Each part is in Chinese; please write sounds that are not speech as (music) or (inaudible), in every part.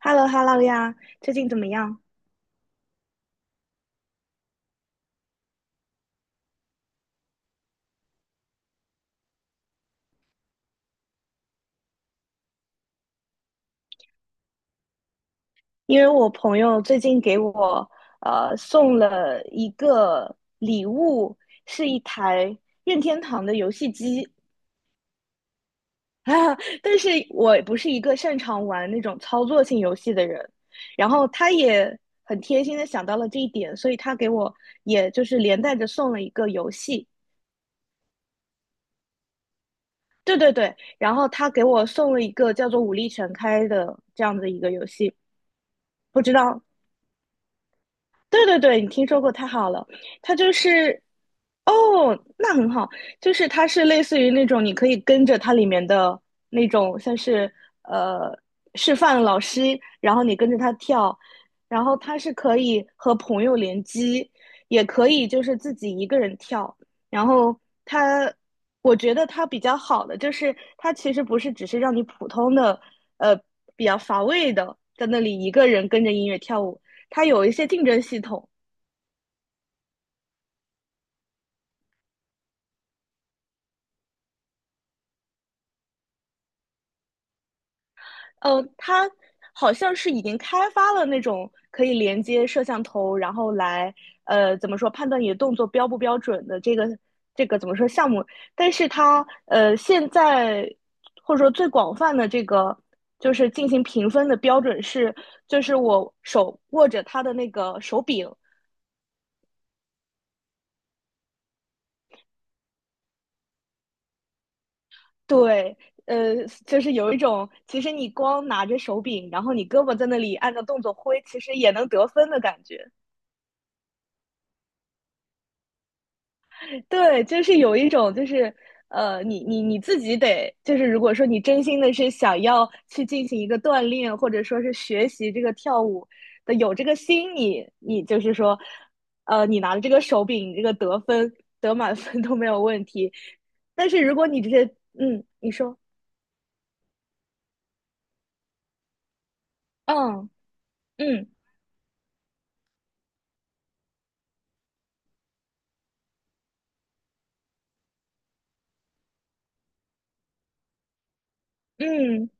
h e l l o h e l l o 呀，最近怎么样？因为我朋友最近给我送了一个礼物，是一台任天堂的游戏机。 (laughs) 啊，但是我不是一个擅长玩那种操作性游戏的人，然后他也很贴心的想到了这一点，所以他给我也就是连带着送了一个游戏。对对对，然后他给我送了一个叫做《武力全开》的这样的一个游戏，不知道。对对对，你听说过，太好了。它就是，哦，那很好，就是它是类似于那种你可以跟着它里面的那种，像是呃示范老师，然后你跟着他跳，然后它是可以和朋友联机，也可以就是自己一个人跳。然后它，我觉得它比较好的就是它其实不是只是让你普通的呃比较乏味的在那里一个人跟着音乐跳舞，它有一些竞争系统。呃，它好像是已经开发了那种可以连接摄像头，然后来怎么说判断你的动作标不标准的这个怎么说项目，但是它现在或者说最广泛的这个就是进行评分的标准是，就是我手握着它的那个手柄。对。呃，就是有一种，其实你光拿着手柄，然后你胳膊在那里按照动作挥，其实也能得分的感觉。对，就是有一种，就是你自己得，就是如果说你真心的是想要去进行一个锻炼，或者说是学习这个跳舞的，有这个心，你就是说，你拿着这个手柄，你这个得分得满分都没有问题。但是如果你直接，嗯，你说，嗯嗯嗯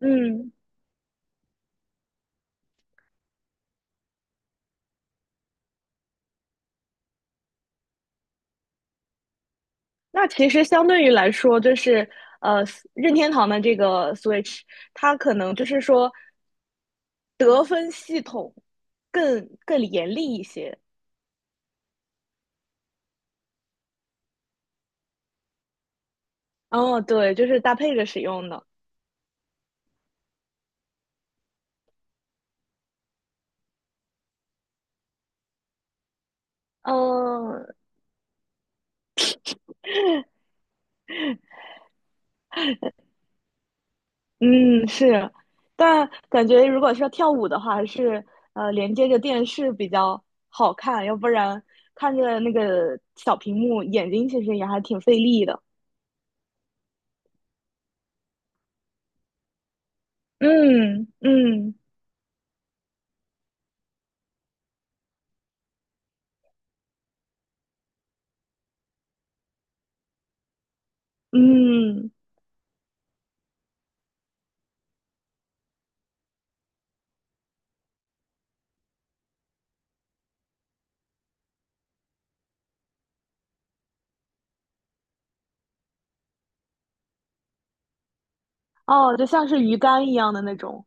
嗯，那其实相对于来说，就是呃，任天堂的这个 Switch,它可能就是说得分系统更严厉一些。哦，对，就是搭配着使用的。嗯嗯，是，但感觉如果是要跳舞的话，还是连接着电视比较好看，要不然看着那个小屏幕，眼睛其实也还挺费力的。嗯嗯嗯。哦，就像是鱼竿一样的那种。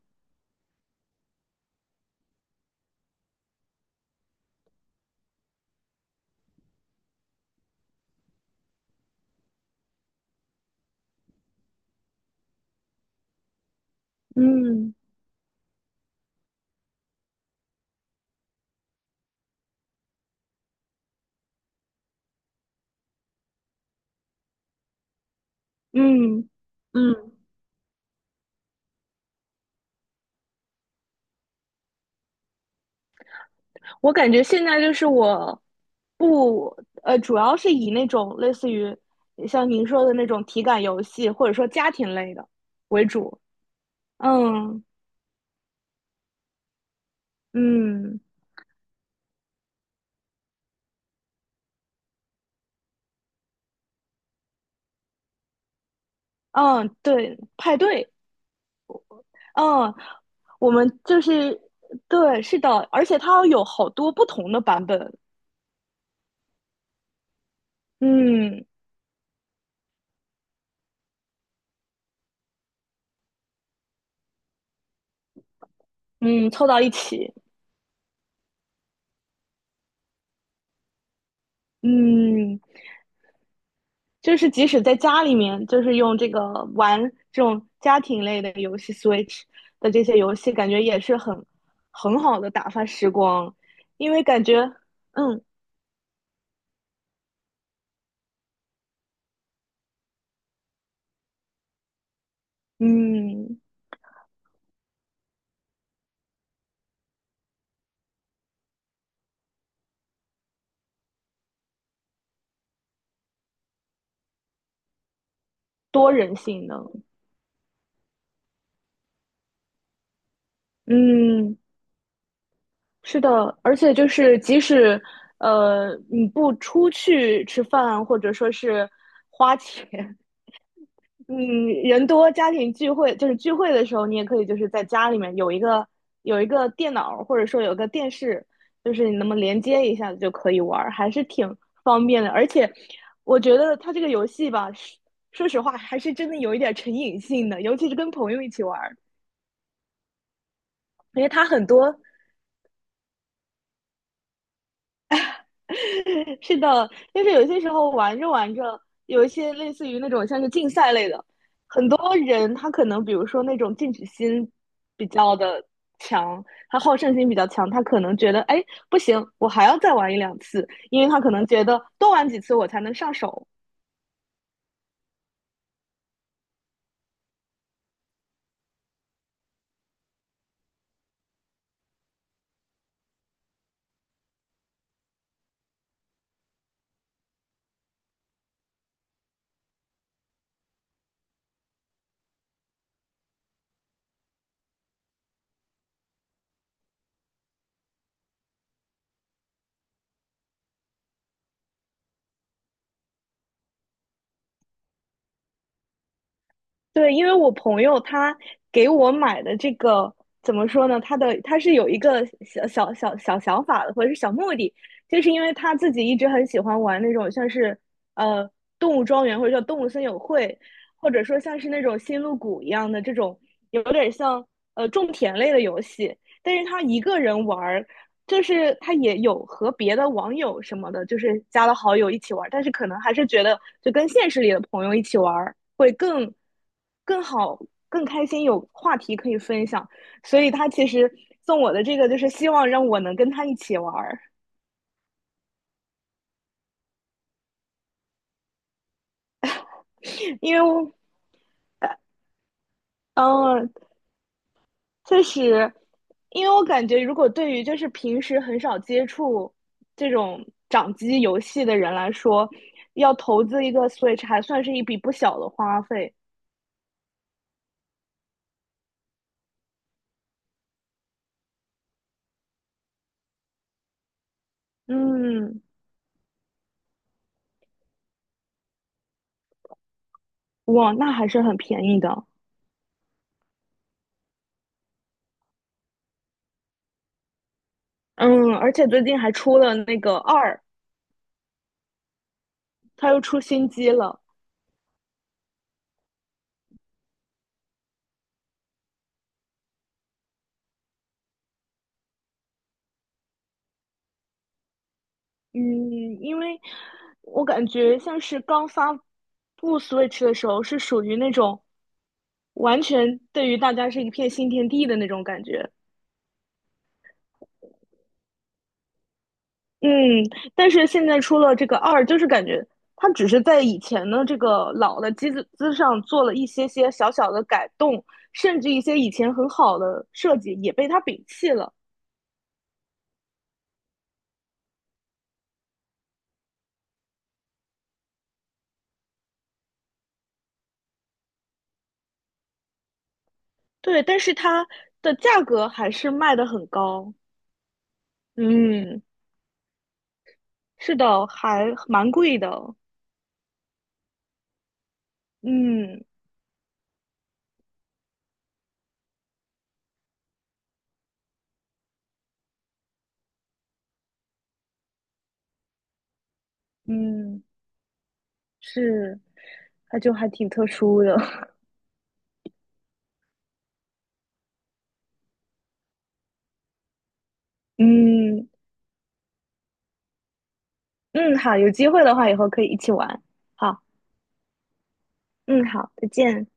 嗯嗯嗯，我感觉现在就是我不，主要是以那种类似于像您说的那种体感游戏，或者说家庭类的为主。嗯嗯嗯，对，派对。嗯，我们就是对，是的，而且它有好多不同的版本。嗯嗯，凑到一起。嗯。就是即使在家里面，就是用这个玩这种家庭类的游戏，Switch 的这些游戏，感觉也是很很好的打发时光，因为感觉，嗯嗯，多人性的，嗯，是的，而且就是即使你不出去吃饭，或者说是花钱，嗯，人多家庭聚会就是聚会的时候，你也可以就是在家里面有一个电脑，或者说有个电视，就是你那么连接一下子就可以玩儿，还是挺方便的。而且我觉得它这个游戏吧，说说实话还是真的有一点儿成瘾性的，尤其是跟朋友一起玩儿，因为它很多。 (laughs) 是的，但是有些时候玩着玩着，有一些类似于那种像是竞赛类的，很多人他可能比如说那种进取心比较的强，他好胜心比较强，他可能觉得哎不行，我还要再玩一两次，因为他可能觉得多玩几次我才能上手。对，因为我朋友他给我买的这个怎么说呢？他的他是有一个小想法的，或者是小目的，就是因为他自己一直很喜欢玩那种像是呃动物庄园或者叫动物森友会，或者说像是那种星露谷一样的这种有点像种田类的游戏，但是他一个人玩儿，就是他也有和别的网友什么的，就是加了好友一起玩儿，但是可能还是觉得就跟现实里的朋友一起玩儿。会更更好、更开心，有话题可以分享。所以他其实送我的这个，就是希望让我能跟他一起玩儿。(laughs) 因为我，嗯，确实，因为我感觉，如果对于就是平时很少接触这种掌机游戏的人来说，要投资一个 Switch 还算是一笔不小的花费。嗯，哇，那还是很便宜的。嗯，而且最近还出了那个二，它又出新机了。嗯，因为我感觉像是刚发布 Switch 的时候，是属于那种完全对于大家是一片新天地的那种感觉。嗯，但是现在出了这个二，就是感觉它只是在以前的这个老的机子之上做了一些些小小的改动，甚至一些以前很好的设计也被它摒弃了。对，但是它的价格还是卖得很高。嗯，是的，还蛮贵的。嗯。嗯，是，它就还挺特殊的。(laughs) 嗯嗯，好，有机会的话以后可以一起玩。好，嗯，好，再见。